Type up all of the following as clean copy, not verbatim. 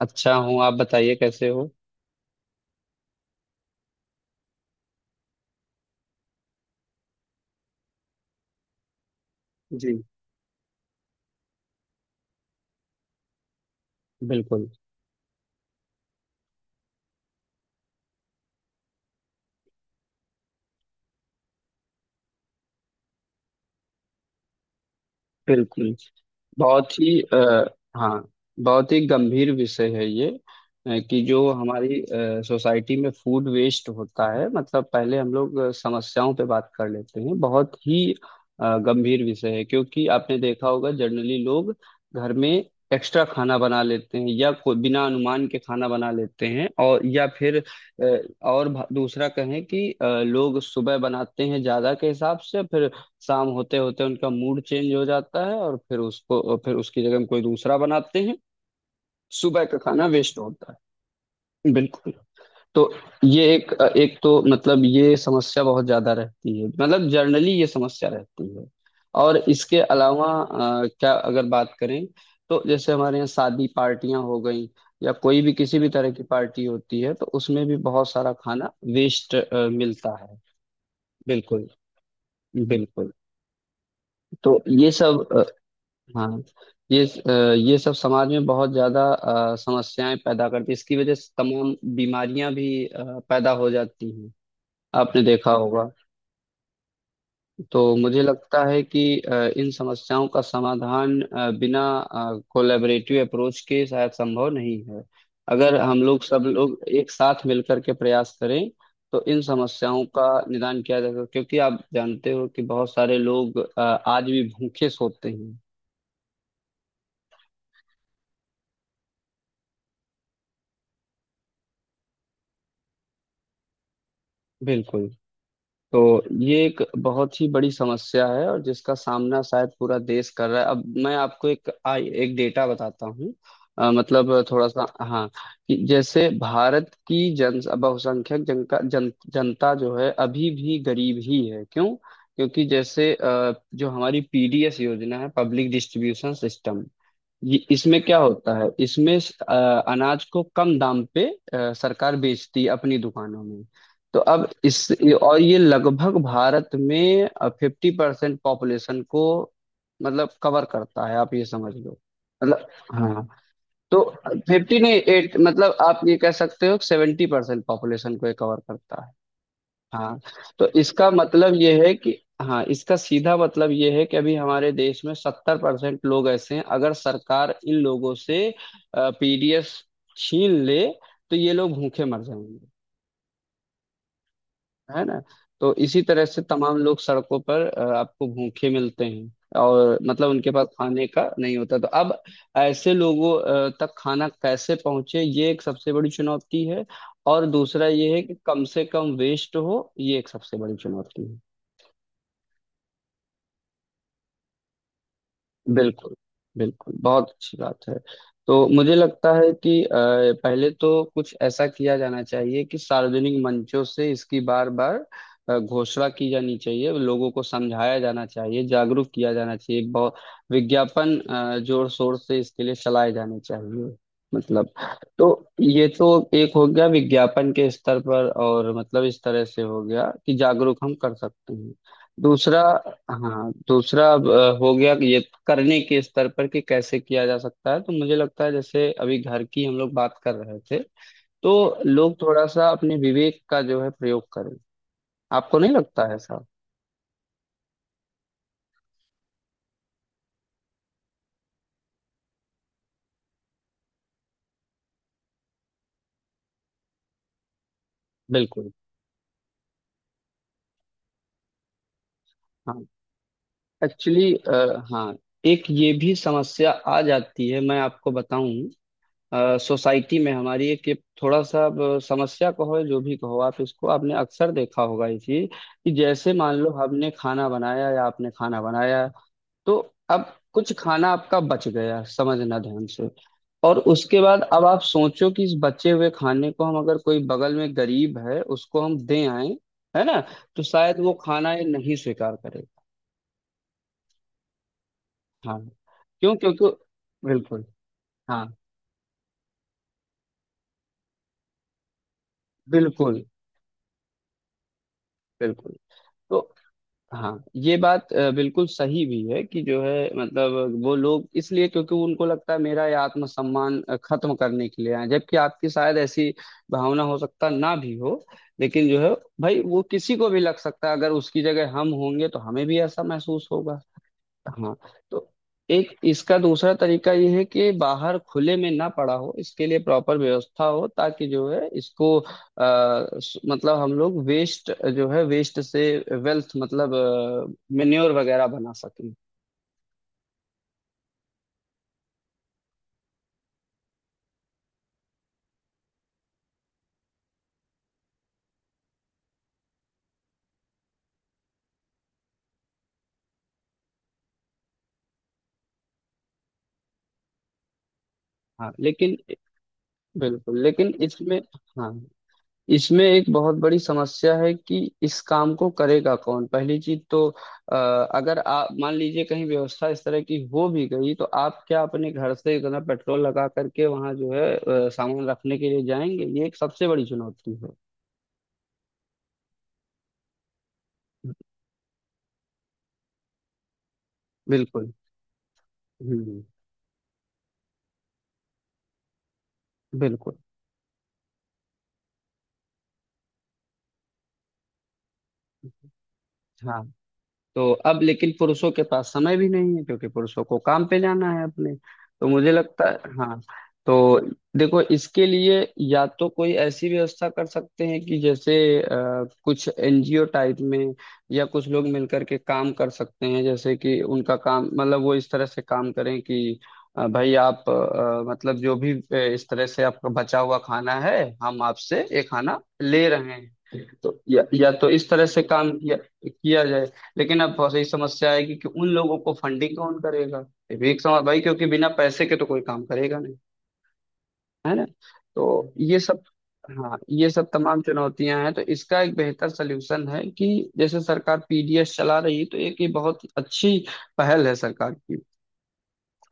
अच्छा हूँ। आप बताइए कैसे हो। जी। बिल्कुल, बिल्कुल। बहुत ही हाँ, बहुत ही गंभीर विषय है ये। कि जो हमारी सोसाइटी में फूड वेस्ट होता है। मतलब पहले हम लोग समस्याओं पे बात कर लेते हैं। बहुत ही गंभीर विषय है, क्योंकि आपने देखा होगा जनरली लोग घर में एक्स्ट्रा खाना बना लेते हैं, या कोई बिना अनुमान के खाना बना लेते हैं, और या फिर अ, दूसरा कहें कि लोग सुबह बनाते हैं ज्यादा के हिसाब से। फिर शाम होते होते उनका मूड चेंज हो जाता है और फिर उसको फिर उसकी जगह हम कोई दूसरा बनाते हैं। सुबह का खाना वेस्ट होता है, बिल्कुल। तो ये एक, एक तो मतलब ये समस्या बहुत ज्यादा रहती है। मतलब जनरली ये समस्या रहती है। और इसके अलावा क्या अगर बात करें, तो जैसे हमारे यहाँ शादी पार्टियां हो गई या कोई भी किसी भी तरह की पार्टी होती है, तो उसमें भी बहुत सारा खाना वेस्ट मिलता है। बिल्कुल, बिल्कुल। तो ये सब, हाँ, ये अ, ये सब समाज में बहुत ज्यादा समस्याएं पैदा करती है। इसकी वजह से तमाम बीमारियां भी पैदा हो जाती हैं, आपने देखा होगा। तो मुझे लगता है कि इन समस्याओं का समाधान बिना कोलैबोरेटिव अप्रोच के शायद संभव नहीं है। अगर हम लोग, सब लोग एक साथ मिलकर के प्रयास करें, तो इन समस्याओं का निदान किया जा सकता है। क्योंकि आप जानते हो कि बहुत सारे लोग आज भी भूखे सोते हैं। बिल्कुल। तो ये एक बहुत ही बड़ी समस्या है और जिसका सामना शायद पूरा देश कर रहा है। अब मैं आपको एक एक डेटा बताता हूँ। मतलब थोड़ा सा, हाँ, कि जैसे भारत की जन बहुसंख्यक जनता जो है अभी भी गरीब ही है। क्यों? क्योंकि जैसे जो हमारी पीडीएस योजना है, पब्लिक डिस्ट्रीब्यूशन सिस्टम, ये इसमें क्या होता है, इसमें अनाज को कम दाम पे सरकार बेचती है अपनी दुकानों में। तो अब इस और ये लगभग भारत में 50% पॉपुलेशन को मतलब कवर करता है, आप ये समझ लो। मतलब, हाँ। तो 50 नहीं, एट, मतलब आप ये कह सकते हो 70% पॉपुलेशन को ये कवर करता है। हाँ। तो इसका मतलब ये है कि, हाँ, इसका सीधा मतलब ये है कि अभी हमारे देश में 70% लोग ऐसे हैं। अगर सरकार इन लोगों से पीडीएस छीन ले, तो ये लोग भूखे मर जाएंगे। है ना। तो इसी तरह से तमाम लोग सड़कों पर आपको भूखे मिलते हैं। और मतलब उनके पास खाने का नहीं होता, तो अब ऐसे लोगों तक खाना कैसे पहुंचे, ये एक सबसे बड़ी चुनौती है। और दूसरा ये है कि कम से कम वेस्ट हो, ये एक सबसे बड़ी चुनौती। बिल्कुल, बिल्कुल, बहुत अच्छी बात है। तो मुझे लगता है कि पहले तो कुछ ऐसा किया जाना चाहिए कि सार्वजनिक मंचों से इसकी बार बार घोषणा की जानी चाहिए, लोगों को समझाया जाना चाहिए, जागरूक किया जाना चाहिए, बहुत विज्ञापन जोर शोर से इसके लिए चलाए जाने चाहिए, मतलब। तो ये तो एक हो गया विज्ञापन के स्तर पर, और मतलब इस तरह से हो गया कि जागरूक हम कर सकते हैं। दूसरा, हाँ, दूसरा अब, हो गया कि ये करने के स्तर पर कि कैसे किया जा सकता है। तो मुझे लगता है जैसे अभी घर की हम लोग बात कर रहे थे, तो लोग थोड़ा सा अपने विवेक का जो है प्रयोग करें। आपको नहीं लगता है साहब? बिल्कुल, हाँ। एक्चुअली, हाँ, एक ये भी समस्या आ जाती है, मैं आपको बताऊं, सोसाइटी में हमारी एक ये, थोड़ा सा अब समस्या कहो या जो भी कहो आप इसको, आपने अक्सर देखा होगा ये चीज, कि जैसे मान लो हमने खाना बनाया या आपने खाना बनाया, तो अब कुछ खाना आपका बच गया, समझना ध्यान से। और उसके बाद अब आप सोचो कि इस बचे हुए खाने को हम, अगर कोई बगल में गरीब है उसको हम दे आए, है ना, तो शायद वो खाना ये नहीं स्वीकार करेगा। हाँ। क्यों? क्योंकि, बिल्कुल, हाँ, बिल्कुल, बिल्कुल। तो, हाँ, ये बात बिल्कुल सही भी है, कि जो है मतलब वो लोग इसलिए, क्योंकि उनको लगता है मेरा ये आत्मसम्मान खत्म करने के लिए आए हैं। जबकि आपकी शायद ऐसी भावना हो, सकता ना भी हो, लेकिन जो है भाई, वो किसी को भी लग सकता है। अगर उसकी जगह हम होंगे तो हमें भी ऐसा महसूस होगा। हाँ। तो एक इसका दूसरा तरीका ये है कि बाहर खुले में ना पड़ा हो, इसके लिए प्रॉपर व्यवस्था हो, ताकि जो है इसको मतलब हम लोग वेस्ट जो है, वेस्ट से वेल्थ, मतलब मेन्योर वगैरह बना सकें। हाँ, लेकिन, बिल्कुल, लेकिन इसमें, हाँ, इसमें एक बहुत बड़ी समस्या है कि इस काम को करेगा कौन, पहली चीज तो अगर आप मान लीजिए कहीं व्यवस्था इस तरह की हो भी गई, तो आप क्या अपने घर से इतना पेट्रोल लगा करके वहां जो है सामान रखने के लिए जाएंगे? ये एक सबसे बड़ी चुनौती है। बिल्कुल। हम्म। बिल्कुल। हाँ। तो अब लेकिन पुरुषों के पास समय भी नहीं है, क्योंकि पुरुषों को काम पे जाना है अपने। तो मुझे लगता है, हाँ, तो देखो, इसके लिए या तो कोई ऐसी व्यवस्था कर सकते हैं कि जैसे कुछ एनजीओ टाइप में, या कुछ लोग मिलकर के काम कर सकते हैं, जैसे कि उनका काम मतलब वो इस तरह से काम करें कि, भाई आप मतलब जो भी इस तरह से आपका बचा हुआ खाना है, हम आपसे ये खाना ले रहे हैं। तो या तो इस तरह से काम किया किया जाए। लेकिन अब बहुत सही समस्या आएगी कि उन लोगों को फंडिंग कौन करेगा, ये भी एक समझ भाई, क्योंकि बिना पैसे के तो कोई काम करेगा नहीं। है ना। तो ये सब, हाँ, ये सब तमाम चुनौतियां हैं। तो इसका एक बेहतर सलूशन है कि जैसे सरकार पीडीएस चला रही है, तो एक ये बहुत अच्छी पहल है सरकार की।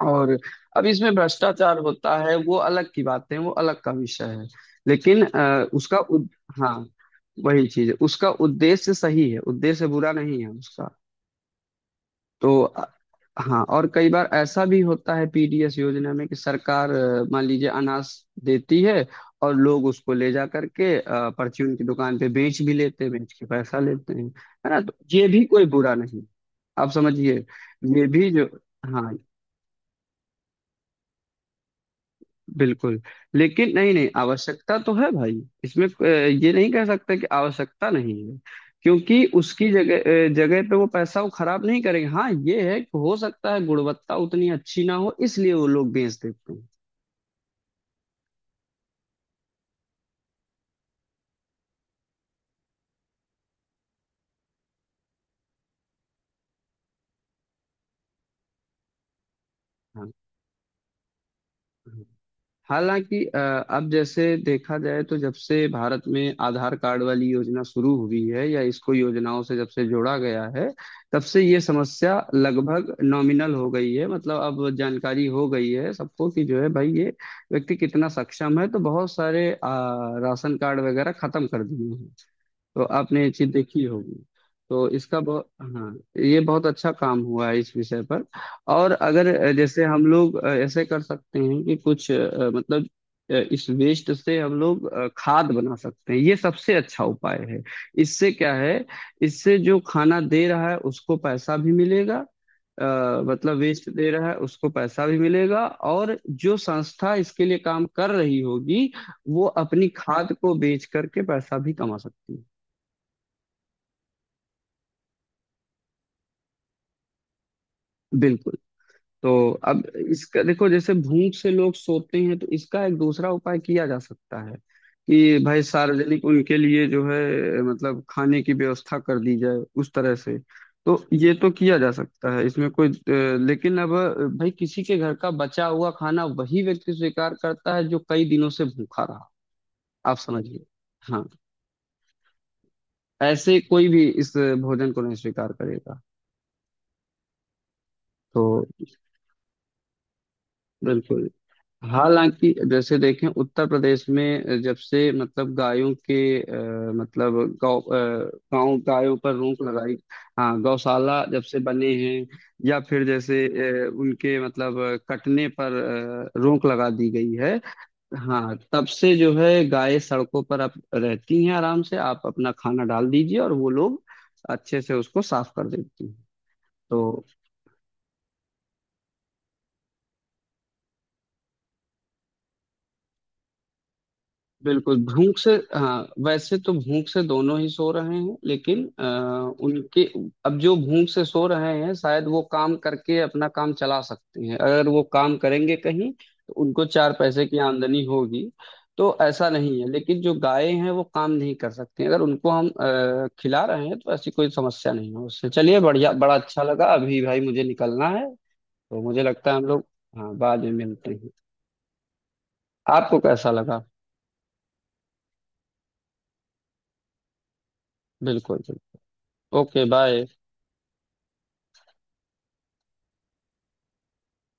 और अब इसमें भ्रष्टाचार होता है, वो अलग की बात है, वो अलग का विषय है, लेकिन हाँ, वही चीज है, उसका उद्देश्य सही है, उद्देश्य बुरा नहीं है उसका। तो हाँ, और कई बार ऐसा भी होता है पीडीएस योजना में, कि सरकार मान लीजिए अनाज देती है और लोग उसको ले जा करके परचून की दुकान पे बेच भी लेते हैं, बेच के पैसा लेते हैं, है ना। तो ये भी कोई बुरा नहीं, आप समझिए, ये भी जो, हाँ, बिल्कुल। लेकिन नहीं, नहीं, आवश्यकता तो है भाई, इसमें ये नहीं कह सकते कि आवश्यकता नहीं है, क्योंकि उसकी जगह पे वो पैसा वो खराब नहीं करेंगे। हाँ, ये है कि हो सकता है गुणवत्ता उतनी अच्छी ना हो, इसलिए वो लोग बेच देते हैं। हाँ, हाँ। हालांकि अब जैसे देखा जाए, तो जब से भारत में आधार कार्ड वाली योजना शुरू हुई है, या इसको योजनाओं से जब से जोड़ा गया है, तब से ये समस्या लगभग नॉमिनल हो गई है, मतलब अब जानकारी हो गई है सबको कि जो है भाई ये व्यक्ति कितना सक्षम है, तो बहुत सारे राशन कार्ड वगैरह खत्म कर दिए हैं, तो आपने ये चीज देखी होगी। तो इसका बहुत, हाँ, ये बहुत अच्छा काम हुआ है इस विषय पर। और अगर जैसे हम लोग ऐसे कर सकते हैं कि कुछ मतलब इस वेस्ट से हम लोग खाद बना सकते हैं, ये सबसे अच्छा उपाय है। इससे क्या है, इससे जो खाना दे रहा है उसको पैसा भी मिलेगा, मतलब वेस्ट दे रहा है उसको पैसा भी मिलेगा, और जो संस्था इसके लिए काम कर रही होगी वो अपनी खाद को बेच करके पैसा भी कमा सकती है। बिल्कुल। तो अब इसका देखो, जैसे भूख से लोग सोते हैं, तो इसका एक दूसरा उपाय किया जा सकता है कि भाई सार्वजनिक, उनके लिए जो है मतलब खाने की व्यवस्था कर दी जाए उस तरह से। तो ये तो किया जा सकता है, इसमें कोई लेकिन अब भाई, किसी के घर का बचा हुआ खाना वही व्यक्ति स्वीकार करता है जो कई दिनों से भूखा रहा, आप समझिए। हाँ। ऐसे कोई भी इस भोजन को नहीं स्वीकार करेगा, तो। बिल्कुल। हालांकि जैसे देखें, उत्तर प्रदेश में जब से मतलब गायों के मतलब गौ अ, गाँव गायों पर रोक लगाई, हाँ, गौशाला जब से बने हैं, या फिर जैसे उनके मतलब कटने पर रोक लगा दी गई है। हाँ, तब से जो है गायें सड़कों पर अब रहती हैं आराम से, आप अपना खाना डाल दीजिए और वो लोग अच्छे से उसको साफ कर देती हैं। तो, बिल्कुल, भूख से, हाँ, वैसे तो भूख से दोनों ही सो रहे हैं, लेकिन उनके, अब जो भूख से सो रहे हैं, शायद वो काम करके अपना काम चला सकते हैं, अगर वो काम करेंगे कहीं तो उनको चार पैसे की आमदनी होगी। तो ऐसा नहीं है, लेकिन जो गायें हैं वो काम नहीं कर सकती, अगर उनको हम खिला रहे हैं तो ऐसी कोई समस्या नहीं है उससे। चलिए, बढ़िया, बड़ा अच्छा लगा, अभी भाई मुझे निकलना है, तो मुझे लगता है हम लोग, हाँ, बाद में मिलते हैं। आपको कैसा लगा? बिल्कुल, बिल्कुल, ओके, बाय।